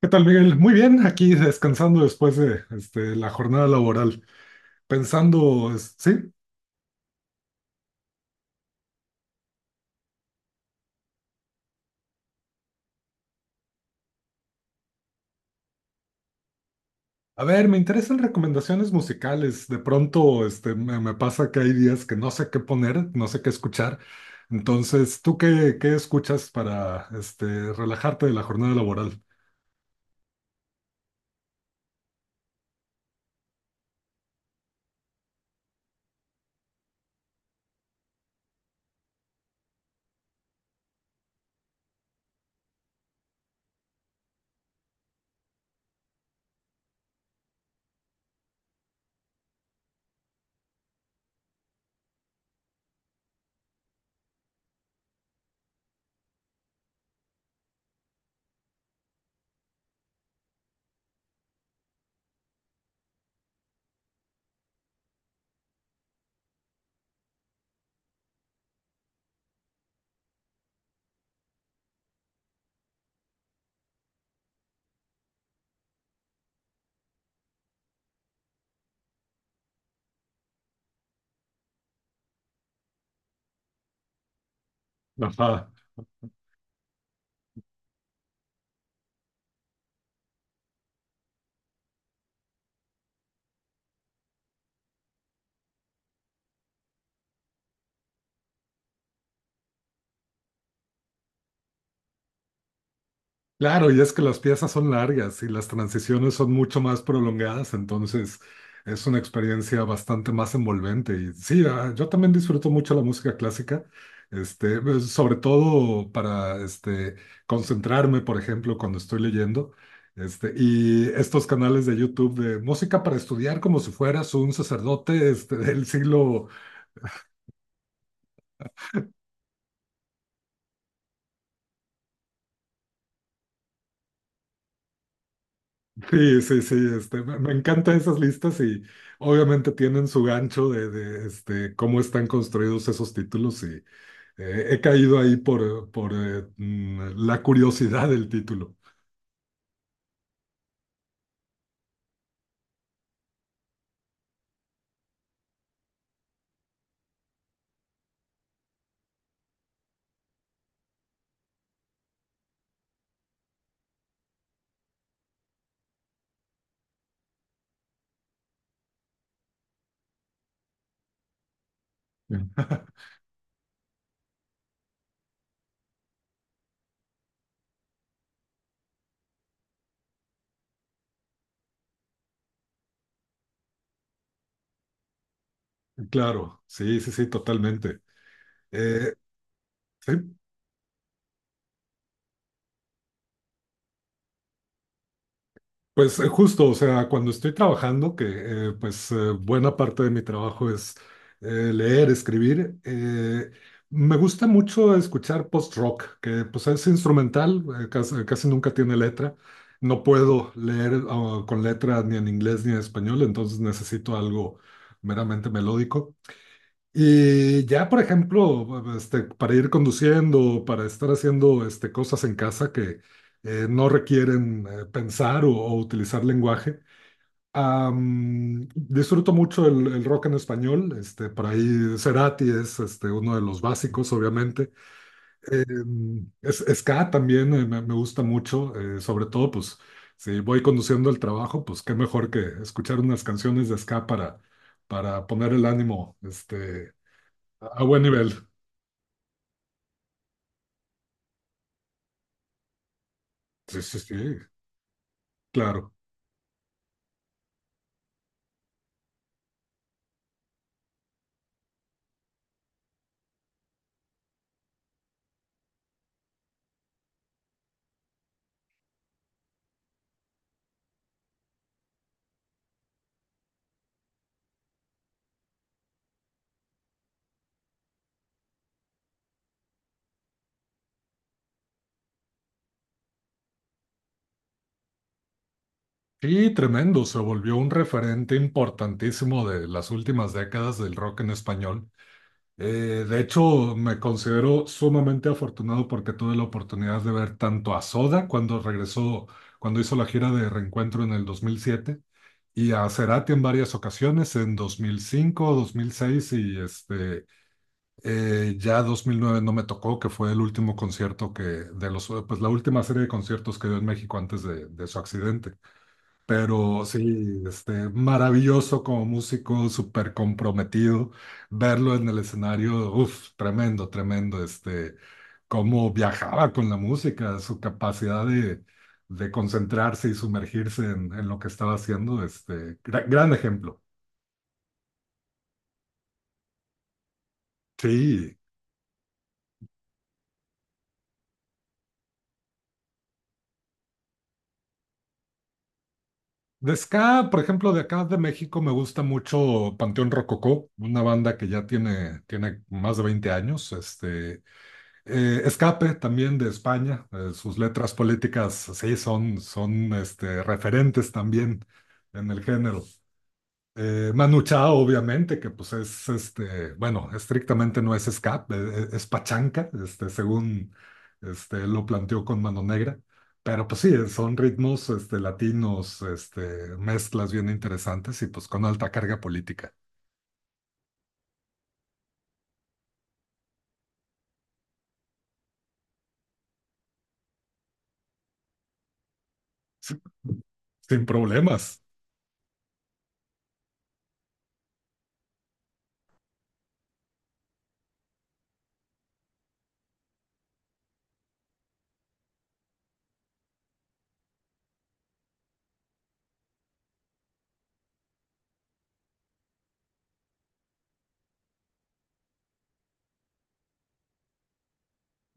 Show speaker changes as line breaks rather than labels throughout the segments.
¿Qué tal, Miguel? Muy bien, aquí descansando después de la jornada laboral, pensando, sí, a ver, me interesan recomendaciones musicales. De pronto, me pasa que hay días que no sé qué poner, no sé qué escuchar. Entonces, ¿tú qué escuchas para relajarte de la jornada laboral? Ajá. Claro, y es que las piezas son largas y las transiciones son mucho más prolongadas, entonces es una experiencia bastante más envolvente. Y sí, yo también disfruto mucho la música clásica, sobre todo para concentrarme, por ejemplo, cuando estoy leyendo. Este, y estos canales de YouTube de música para estudiar como si fueras un sacerdote del siglo. Sí, sí, sí, me encantan esas listas y obviamente tienen su gancho de cómo están construidos esos títulos y he caído ahí por la curiosidad del título. Claro, sí, sí, sí, totalmente. Eh, sí. Pues justo, o sea, cuando estoy trabajando, que buena parte de mi trabajo es leer, escribir, me gusta mucho escuchar post-rock, que pues es instrumental, casi nunca tiene letra. No puedo leer con letra ni en inglés ni en español, entonces necesito algo meramente melódico. Y ya, por ejemplo, para ir conduciendo, para estar haciendo cosas en casa que no requieren pensar o utilizar lenguaje. Disfruto mucho el rock en español. Este, por ahí Cerati es uno de los básicos, obviamente. Ska también me gusta mucho, sobre todo, pues, si voy conduciendo el trabajo, pues qué mejor que escuchar unas canciones de ska para poner el ánimo, a buen nivel. Sí, sí, sí, claro. Sí, tremendo. Se volvió un referente importantísimo de las últimas décadas del rock en español. De hecho, me considero sumamente afortunado porque tuve la oportunidad de ver tanto a Soda cuando regresó, cuando hizo la gira de Reencuentro en el 2007 y a Cerati en varias ocasiones en dos mil cinco, dos mil seis y este. Ya 2009 no me tocó, que fue el último concierto de los, pues la última serie de conciertos que dio en México antes de su accidente. Pero sí, maravilloso como músico, súper comprometido. Verlo en el escenario, uff, tremendo, tremendo. Cómo viajaba con la música, su capacidad de concentrarse y sumergirse en lo que estaba haciendo. Gran ejemplo. Sí. De ska, por ejemplo, de acá de México me gusta mucho Panteón Rococó, una banda que tiene más de 20 años. Escape también de España, sus letras políticas sí son referentes también en el género. Manu Chao, obviamente, que pues bueno, estrictamente no es ska, es pachanca, según lo planteó con Mano Negra, pero pues sí, son ritmos latinos, mezclas bien interesantes y pues con alta carga política. Sin problemas.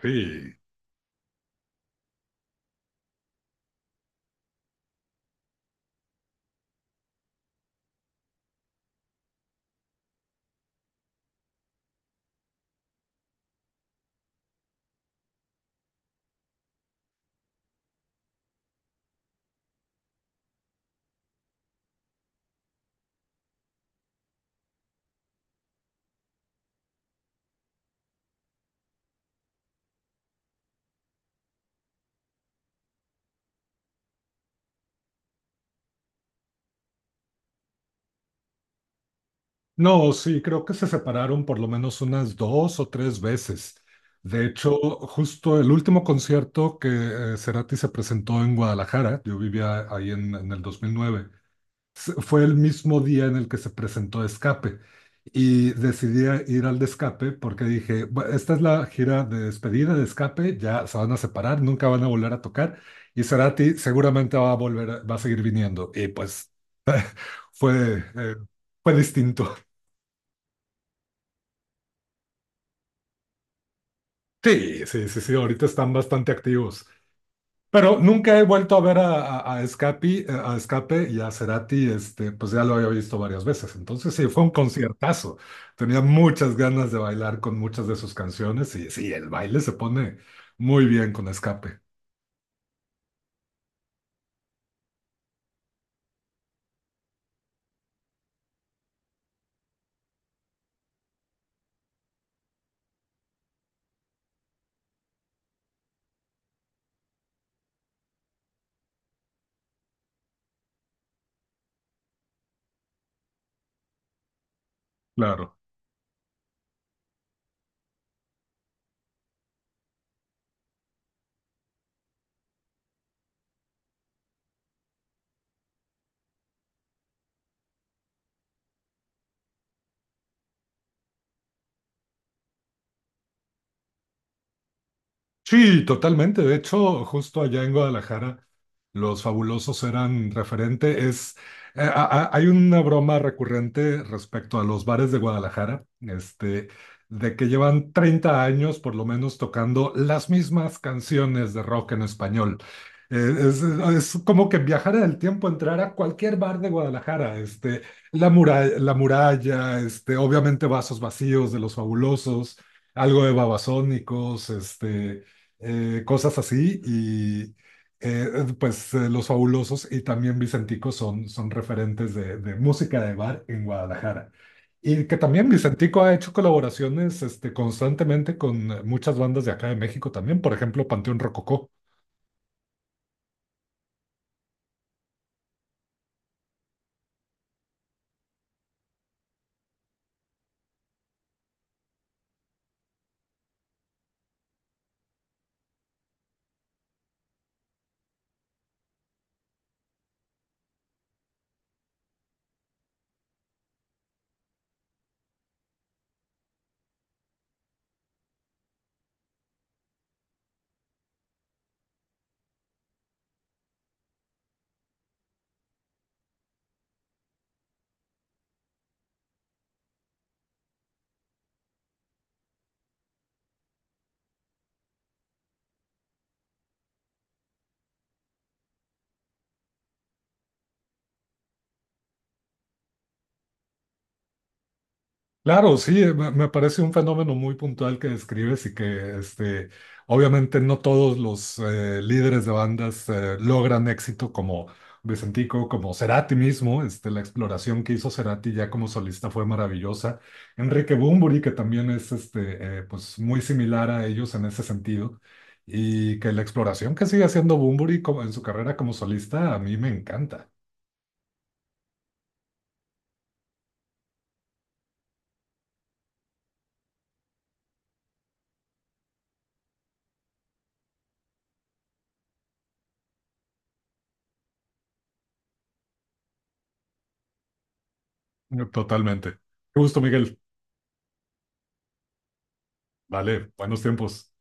Sí. No, sí, creo que se separaron por lo menos unas dos o tres veces. De hecho, justo el último concierto que Cerati se presentó en Guadalajara, yo vivía ahí en el 2009, fue el mismo día en el que se presentó Escape. Y decidí ir al de Escape porque dije, Esta es la gira de despedida de Escape, ya se van a separar, nunca van a volver a tocar y Cerati seguramente va a volver, va a seguir viniendo. Y pues fue, fue distinto". Sí, sí, sí, sí, ahorita están bastante activos. Pero nunca he vuelto a ver a Escape y a Cerati, pues ya lo había visto varias veces. Entonces sí, fue un conciertazo. Tenía muchas ganas de bailar con muchas de sus canciones y sí, el baile se pone muy bien con Escape, claro. Sí, totalmente. De hecho, justo allá en Guadalajara, los fabulosos eran referente. Hay una broma recurrente respecto a los bares de Guadalajara, de que llevan 30 años por lo menos tocando las mismas canciones de rock en español. Es como que viajar en el tiempo, entrar a cualquier bar de Guadalajara, la muralla, obviamente vasos vacíos de los fabulosos, algo de Babasónicos, cosas así y eh, Los Fabulosos y también Vicentico son referentes de música de bar en Guadalajara. Y que también Vicentico ha hecho colaboraciones constantemente con muchas bandas de acá de México también, por ejemplo, Panteón Rococó. Claro, sí, me parece un fenómeno muy puntual que describes y que obviamente no todos los líderes de bandas logran éxito como Vicentico, como Cerati mismo. Este, la exploración que hizo Cerati ya como solista fue maravillosa. Enrique Bunbury, que también es pues muy similar a ellos en ese sentido. Y que la exploración que sigue haciendo Bunbury en su carrera como solista a mí me encanta. Totalmente. Qué gusto, Miguel. Vale, buenos tiempos.